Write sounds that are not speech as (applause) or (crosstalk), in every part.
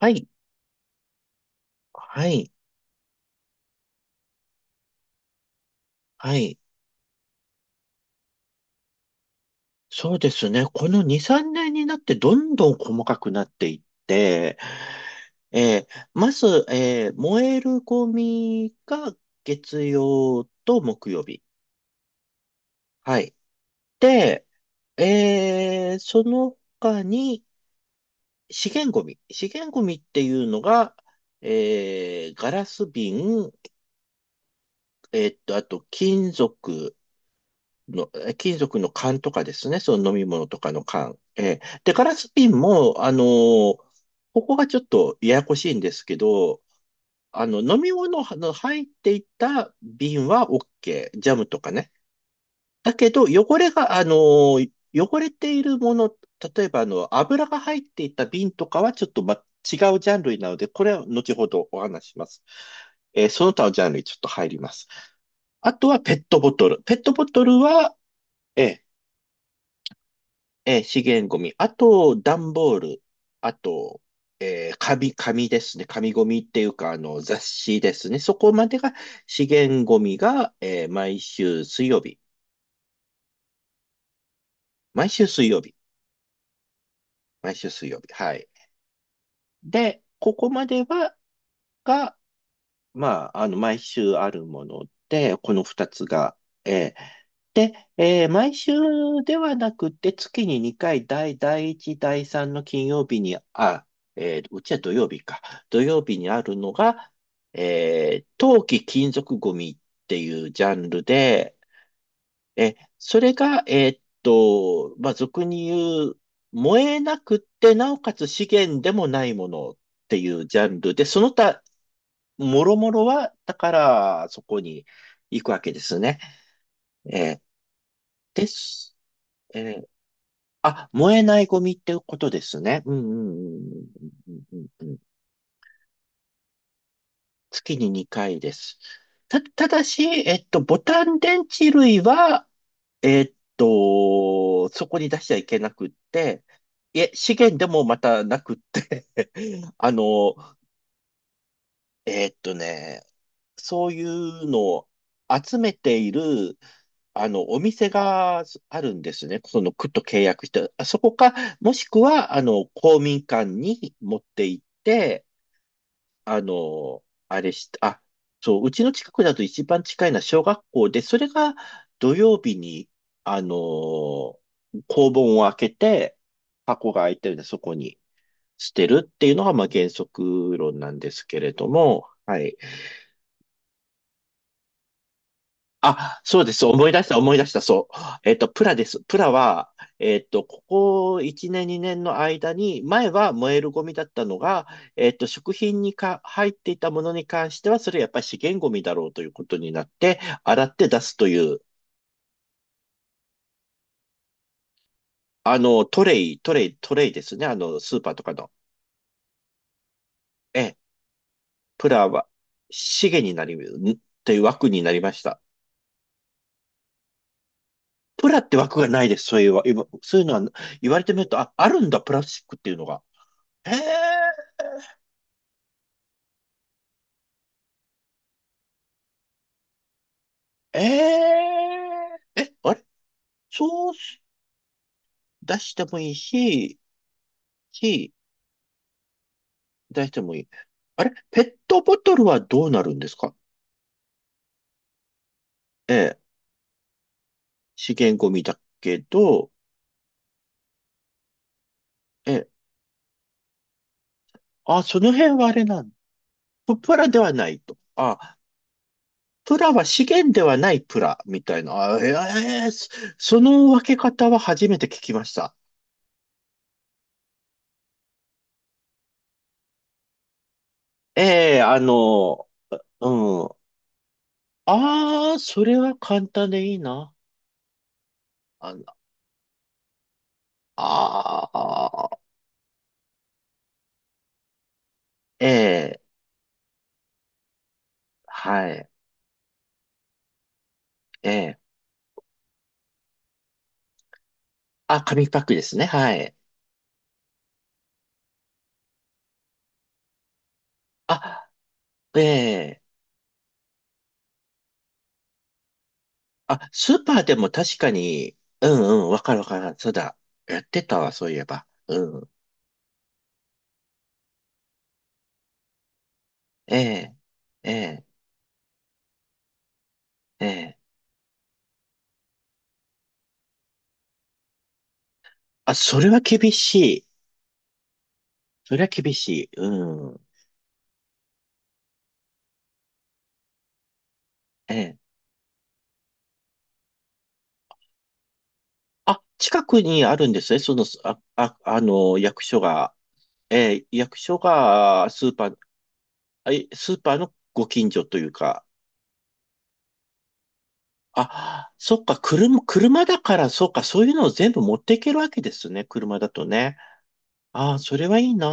はい、はい、はい。そうですね。この2、3年になってどんどん細かくなっていって、えーまず、燃えるゴミが月曜と木曜日。はい。で、その他に資源ゴミ。資源ゴミっていうのが、ガラス瓶、あと金属の、金属の缶とかですね、その飲み物とかの缶。で、ガラス瓶も、ここがちょっとややこしいんですけど、あの、飲み物の入っていた瓶は OK。ジャムとかね。だけど、汚れているもの、例えば、あの、油が入っていた瓶とかはちょっと、ま、違うジャンルなので、これは後ほどお話しします。その他のジャンルにちょっと入ります。あとはペットボトル。ペットボトルは、ええ資源ゴミ。あと、段ボール。あと、紙ですね。紙ゴミっていうか、あの、雑誌ですね。そこまでが資源ゴミが、毎週水曜日。毎週水曜日。毎週水曜日。はい。で、ここまでは、が、まあ、あの、毎週あるもので、この二つが、えーで、えー毎週ではなくて、月に2回、第1、第3の金曜日に、うちは土曜日か。土曜日にあるのが、えー冬金属ゴミっていうジャンルで、えそれが、まあ、俗に言う、燃えなくって、なおかつ資源でもないものっていうジャンルで、その他もろもろは、だから、そこに行くわけですね。えーです。えーあ、燃えないゴミってことですね。うんうんうんうんうんうんうん。月に2回です。ただし、えっと、ボタン電池類は、えっと、そこに出しちゃいけなくって、いえ、資源でもまたなくって。 (laughs) あの、えっとね、そういうのを集めている、あの、お店があるんですね。その区と契約して、あそこか、もしくは、あの、公民館に持って行って、あの、あれして、あ、そう、うちの近くだと一番近いのは小学校で、それが土曜日に、あの、校門を開けて、箱が開いてるんで、そこに捨てるっていうのが、まあ、原則論なんですけれども、はい。あ、そうです。思い出した、そう。えっと、プラです。プラは、えっと、ここ1年、2年の間に、前は燃えるゴミだったのが、食品にか入っていたものに関しては、それやっぱり資源ゴミだろうということになって、洗って出すという、あの、トレイですね。あの、スーパーとかの。ええ、プラは、資源になり、という枠になりました。プラって枠がないです。そういうわ、今そういうのは、言われてみると、あ、あるんだ、プラスチックっていうのが。へえ。ええーえ、あれそう出してもいいし、し、出してもいい。あれペットボトルはどうなるんですか。ええ、資源ゴミだけど、ええ、あ、その辺はあれなん、プラではないと。あ、プラは資源ではないプラ、みたいな。その分け方は初めて聞きました。ええ、あの、うん。ああ、それは簡単でいいな。あの、ああ、ええ、はい。ええ。あ、紙パックですね。はい。あ、ええ。あ、スーパーでも確かに、うんうん、わかる。そうだ。やってたわ、そういえば。うん。ええ。ええ。ええ。あ、それは厳しい。それは厳しい。うん。ええ。あ、近くにあるんですね。その、あの、役所が。ええ、役所が、スーパー、え、スーパーのご近所というか、あ、そっか、車だから、そっか、そういうのを全部持っていけるわけですね、車だとね。ああ、それはいいな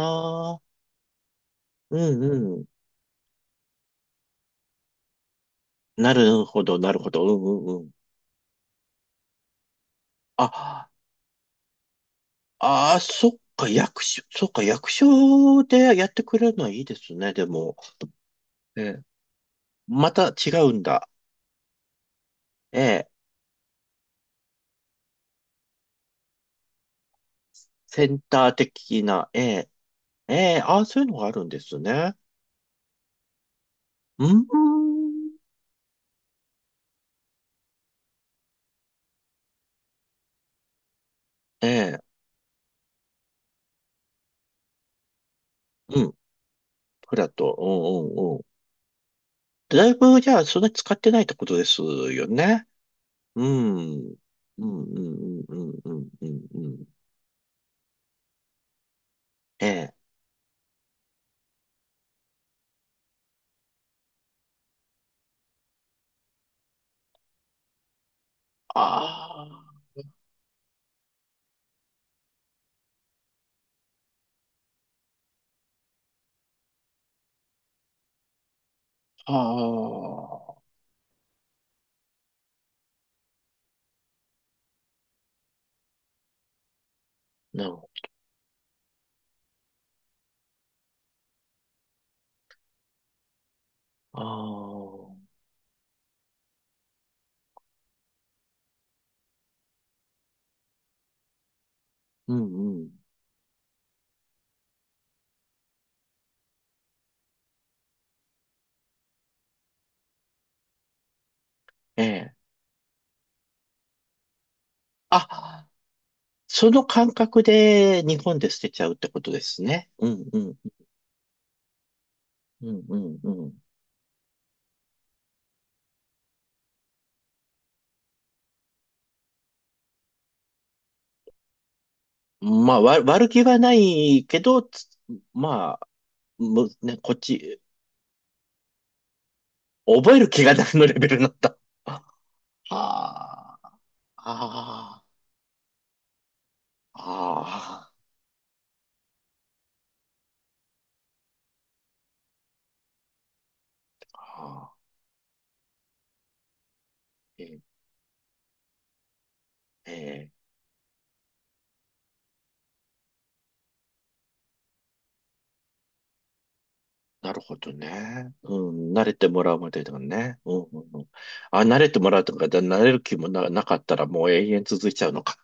あ。うんうん。なるほど。うんうんうん。あ、ああ、そっか、役所、そっか、役所でやってくれるのはいいですね、でも。ええ、また違うんだ。ええ、センター的な、ええ、ええ、ああ、そういうのがあるんですね。うん、ええ、うん、フラット、うんうんうん。だいぶ、じゃあ、そんなに使ってないってことですよね。うん。うん。ええ。ああ、ああ、なるほど。ああ、うん、うん。ええ。あ、その感覚で日本で捨てちゃうってことですね。うん、うん、うん、うん。まあ、悪気はないけど、まあ、む、ね、こっち、覚える気がないのレベルになった。ああ、ああ。あああ。ええ、ええ、なるほどね。うん、慣れてもらうまでだね。うん、うん、うん。あ、慣れてもらうとか、慣れる気もなかったらもう永遠続いちゃうのか。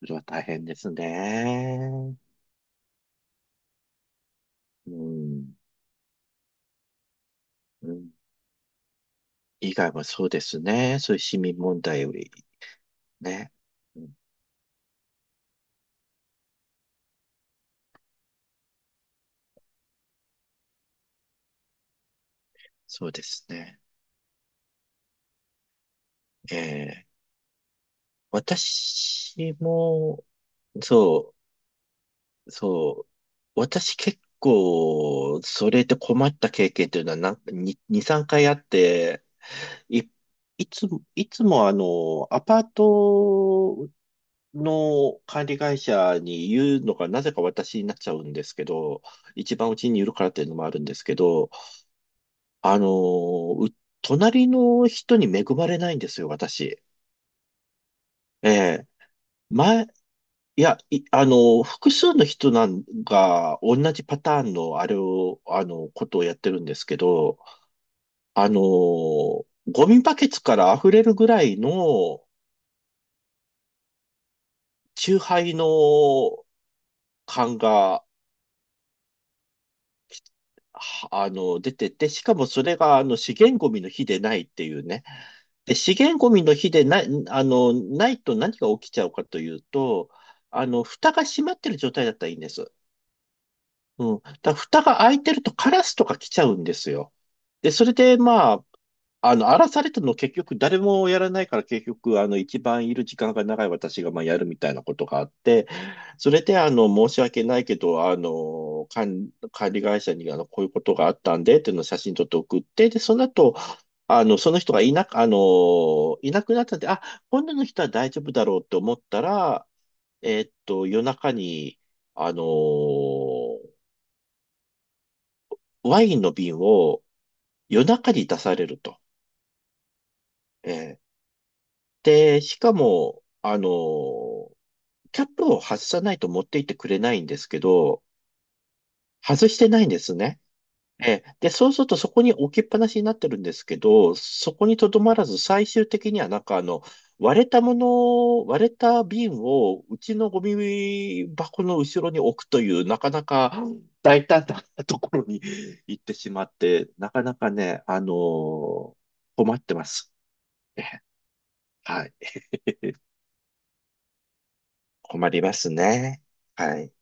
それは大変ですね。うん、うん。以外はそうですね。そういう市民問題よりね。うん、そうですね。ええ、私も、そう、そう。私結構、それで困った経験というのはなんか2、3回あって、い、いつもあの、アパートの管理会社に言うのがなぜか私になっちゃうんですけど、一番うちにいるからっていうのもあるんですけど、あの、隣の人に恵まれないんですよ、私。ええ。前、いや、あの、複数の人なんが同じパターンのあれを、あの、ことをやってるんですけど、あの、ゴミバケツから溢れるぐらいの酎ハイの缶が、はあの、出てて、しかもそれが、あの、資源ゴミの日でないっていうね。で、資源ゴミの日でない、あの、ないと何が起きちゃうかというと、あの、蓋が閉まってる状態だったらいいんです。うん。だから蓋が開いてるとカラスとか来ちゃうんですよ。で、それで、まあ、あの、荒らされたの結局誰もやらないから結局、あの、一番いる時間が長い私がまあやるみたいなことがあって、それで、あの、申し訳ないけど、あの、管理会社にあの、こういうことがあったんで、っていうのを写真撮って送って、で、その後、あの、その人がいなく、あの、いなくなったんで、あ、今度の人は大丈夫だろうって思ったら、夜中に、あの、ワインの瓶を夜中に出されると。えーで、しかも、キャップを外さないと持っていってくれないんですけど、外してないんですね。ええ。で、そうするとそこに置きっぱなしになってるんですけど、そこにとどまらず最終的にはなんかあの、割れた瓶をうちのゴミ箱の後ろに置くというなかなか大胆なところに行ってしまって、なかなかね、あの困ってます。ええ、はい。困りますね。はい。